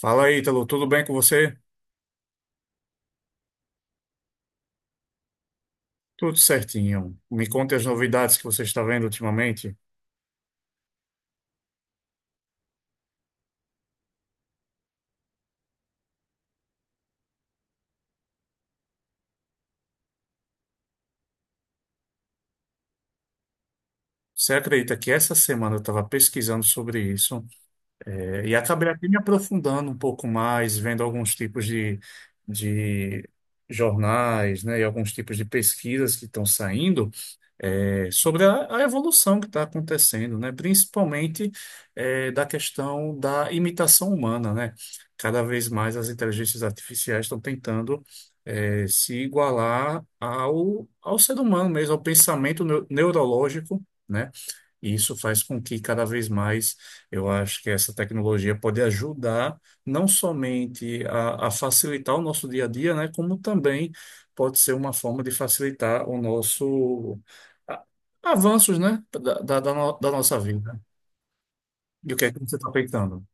Fala aí, Ítalo, tudo bem com você? Tudo certinho. Me conte as novidades que você está vendo ultimamente. Você acredita que essa semana eu estava pesquisando sobre isso, e acabei aqui me aprofundando um pouco mais, vendo alguns tipos de jornais, né, e alguns tipos de pesquisas que estão saindo. Sobre a evolução que está acontecendo, né? Principalmente da questão da imitação humana, né? Cada vez mais as inteligências artificiais estão tentando se igualar ao ser humano mesmo, ao pensamento neurológico, né? E isso faz com que cada vez mais eu acho que essa tecnologia pode ajudar não somente a facilitar o nosso dia a dia, né, como também pode ser uma forma de facilitar o nosso a- avanços, né, da, da, da no- da nossa vida. E o que é que você está pensando?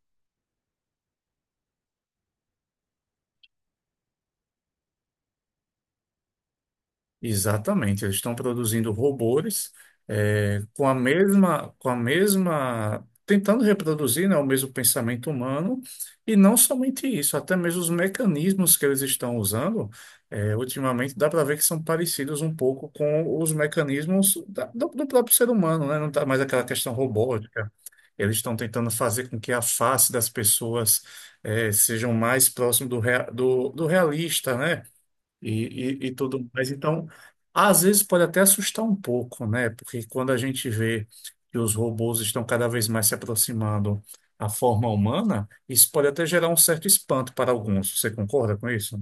Exatamente, eles estão produzindo robôs com a mesma, tentando reproduzir, né, o mesmo pensamento humano, e não somente isso, até mesmo os mecanismos que eles estão usando, ultimamente dá para ver que são parecidos um pouco com os mecanismos do próprio ser humano, né? Não tá mais aquela questão robótica. Eles estão tentando fazer com que a face das pessoas sejam mais próximo do realista, né? E tudo mais. Então, às vezes pode até assustar um pouco, né? Porque quando a gente vê que os robôs estão cada vez mais se aproximando à forma humana, isso pode até gerar um certo espanto para alguns. Você concorda com isso?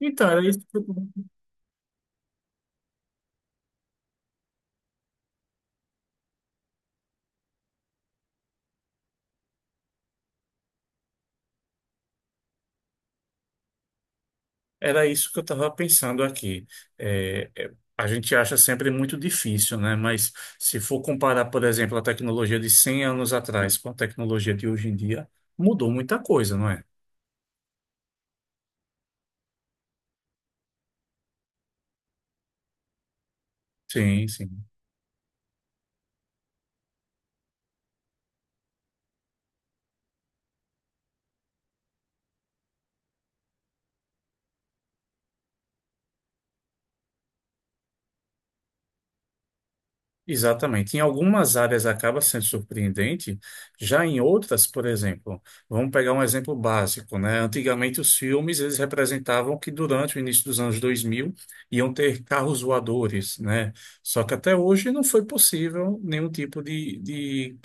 Então, era isso que eu Era isso que eu estava pensando aqui. A gente acha sempre muito difícil, né? Mas se for comparar, por exemplo, a tecnologia de 100 anos atrás com a tecnologia de hoje em dia, mudou muita coisa, não é? Sim, sim. Exatamente. Em algumas áreas acaba sendo surpreendente, já em outras, por exemplo, vamos pegar um exemplo básico, né? Antigamente os filmes eles representavam que durante o início dos anos 2000 iam ter carros voadores, né? Só que até hoje não foi possível nenhum tipo de,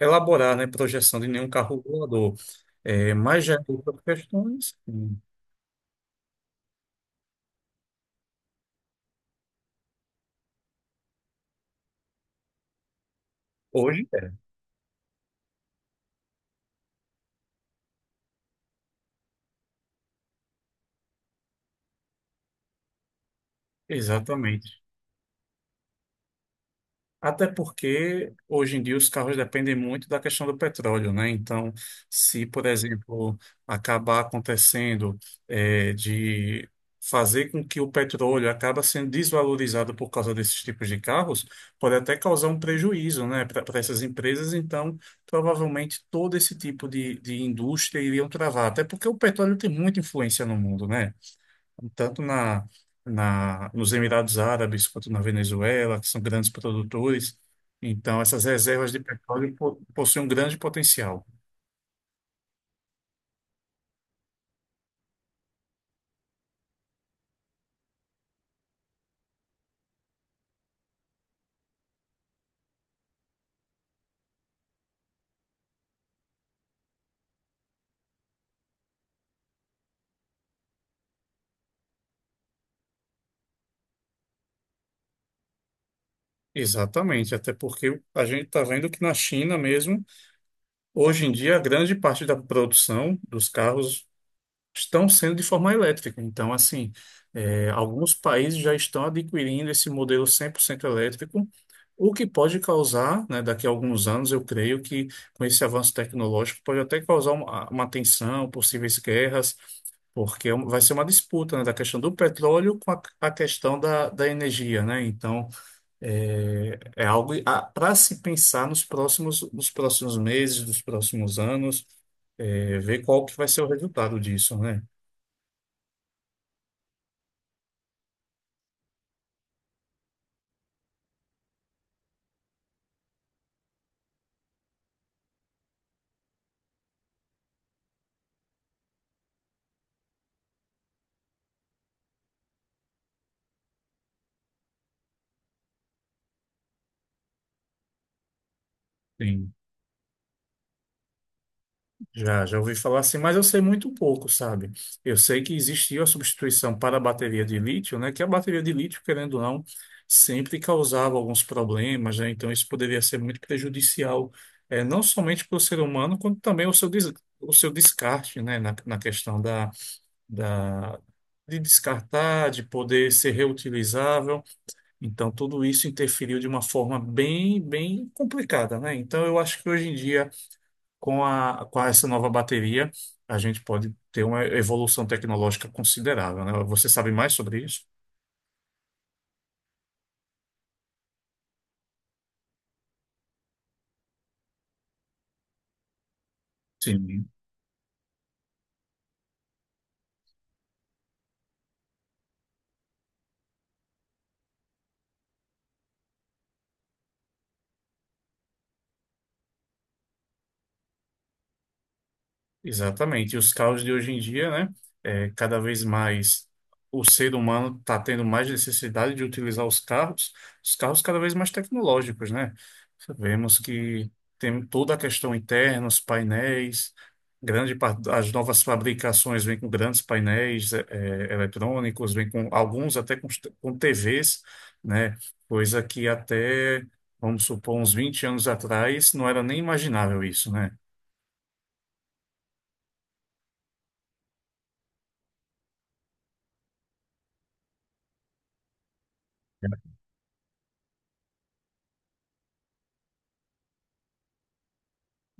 elaborar, né, projeção de nenhum carro voador. É, mas já em outras questões, hoje é. Exatamente. Até porque hoje em dia os carros dependem muito da questão do petróleo, né? Então, se, por exemplo, acabar acontecendo de fazer com que o petróleo acaba sendo desvalorizado por causa desses tipos de carros, pode até causar um prejuízo, né, para essas empresas. Então, provavelmente todo esse tipo de indústria iriam travar, até porque o petróleo tem muita influência no mundo, né? Tanto nos Emirados Árabes quanto na Venezuela, que são grandes produtores. Então, essas reservas de petróleo possuem um grande potencial. Exatamente, até porque a gente está vendo que na China mesmo, hoje em dia, a grande parte da produção dos carros estão sendo de forma elétrica. Então, assim, alguns países já estão adquirindo esse modelo 100% elétrico, o que pode causar, né, daqui a alguns anos, eu creio que com esse avanço tecnológico pode até causar uma tensão, possíveis guerras, porque vai ser uma disputa, né, da questão do petróleo com a questão da energia, né? Então, é algo para se pensar nos próximos meses, nos próximos anos, ver qual que vai ser o resultado disso, né? Sim, já ouvi falar assim, mas eu sei muito pouco, sabe? Eu sei que existiu a substituição para a bateria de lítio, né? Que a bateria de lítio, querendo ou não, sempre causava alguns problemas, né? Então isso poderia ser muito prejudicial, não somente para o ser humano, quanto também o seu, o seu descarte, né? Na questão da, de descartar, de poder ser reutilizável. Então tudo isso interferiu de uma forma bem, bem complicada, né? Então eu acho que hoje em dia com essa nova bateria, a gente pode ter uma evolução tecnológica considerável, né? Você sabe mais sobre isso? Sim. Exatamente. E os carros de hoje em dia, né? É, cada vez mais o ser humano está tendo mais necessidade de utilizar os carros cada vez mais tecnológicos, né? Sabemos que tem toda a questão interna, os painéis, grande parte das novas fabricações vem com grandes painéis eletrônicos, vem com alguns até com TVs, né? Coisa que até, vamos supor, uns 20 anos atrás não era nem imaginável isso, né?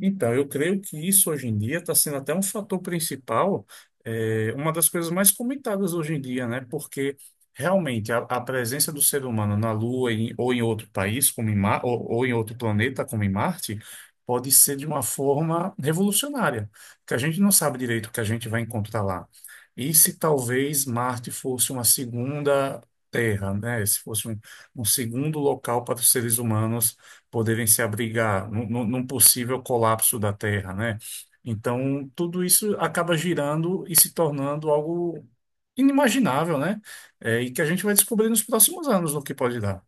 Então, eu creio que isso hoje em dia está sendo até um fator principal, uma das coisas mais comentadas hoje em dia, né? Porque realmente a presença do ser humano na Lua em- ou em outro país, como em Mar, ou em outro planeta, como em Marte, pode ser de uma forma revolucionária, que a gente não sabe direito o que a gente vai encontrar lá. E se talvez Marte fosse uma segunda Terra, né? Se fosse um segundo local para os seres humanos poderem se abrigar num possível colapso da Terra, né? Então, tudo isso acaba girando e se tornando algo inimaginável, né? É, e que a gente vai descobrir nos próximos anos no que pode dar.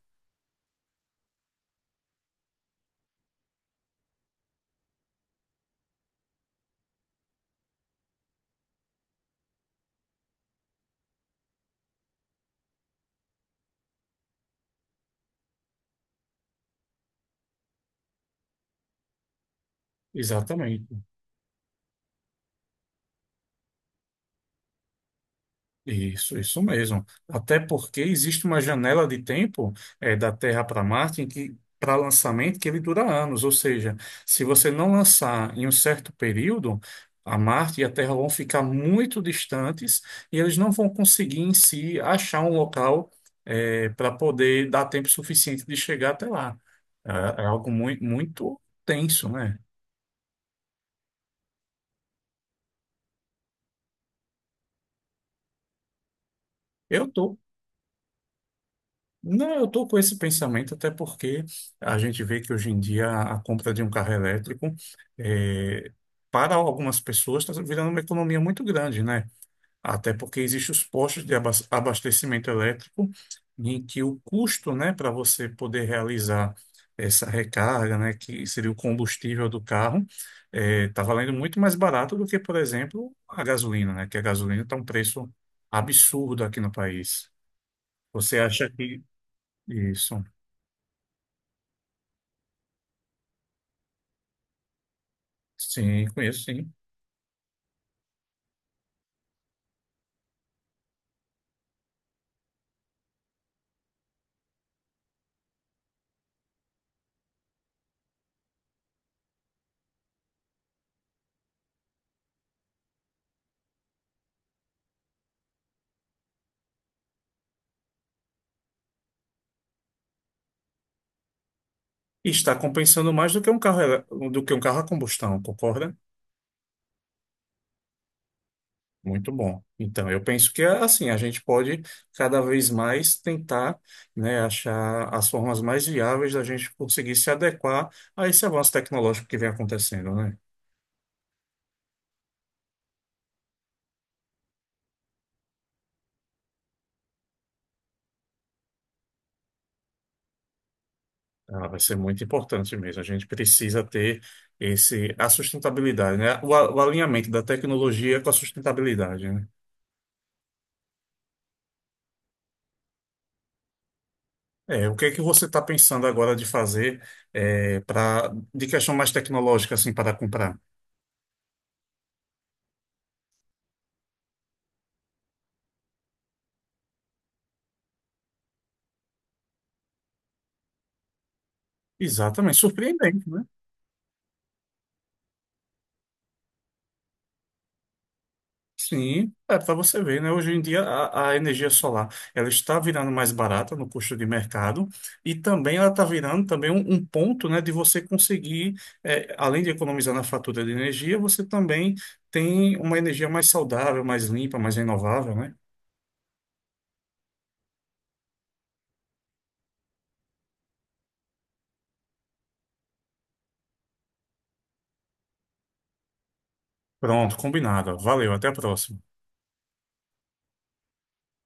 Exatamente. Isso mesmo. Até porque existe uma janela de tempo da Terra para Marte em que para lançamento que ele dura anos, ou seja, se você não lançar em um certo período, a Marte e a Terra vão ficar muito distantes e eles não vão conseguir em si achar um local para poder dar tempo suficiente de chegar até lá. É, é algo muito, muito tenso, né? Eu tô Não, eu estou com esse pensamento até porque a gente vê que hoje em dia a compra de um carro elétrico, eh, para algumas pessoas, está virando uma economia muito grande, né? Até porque existem os postos de abastecimento elétrico em que o custo, né, para você poder realizar essa recarga, né, que seria o combustível do carro, está valendo muito mais barato do que, por exemplo, a gasolina, né? Que a gasolina está um preço absurdo aqui no país. Você acha que isso? Sim, conheço, sim. E está compensando mais do que um carro, do que um carro a combustão, concorda? Muito bom. Então, eu penso que assim, a gente pode cada vez mais tentar, né, achar as formas mais viáveis da gente conseguir se adequar a esse avanço tecnológico que vem acontecendo, né? Ah, vai ser muito importante mesmo. A gente precisa ter esse, a sustentabilidade, né? O alinhamento da tecnologia com a sustentabilidade, né? É, o que é que você está pensando agora de fazer para de questão mais tecnológica assim para comprar? Exatamente, surpreendente, né? Sim, é para você ver, né? Hoje em dia a energia solar ela está virando mais barata no custo de mercado e também ela está virando também um ponto, né, de você conseguir, além de economizar na fatura de energia, você também tem uma energia mais saudável, mais limpa, mais renovável, né? Pronto, combinado. Valeu, até a próxima.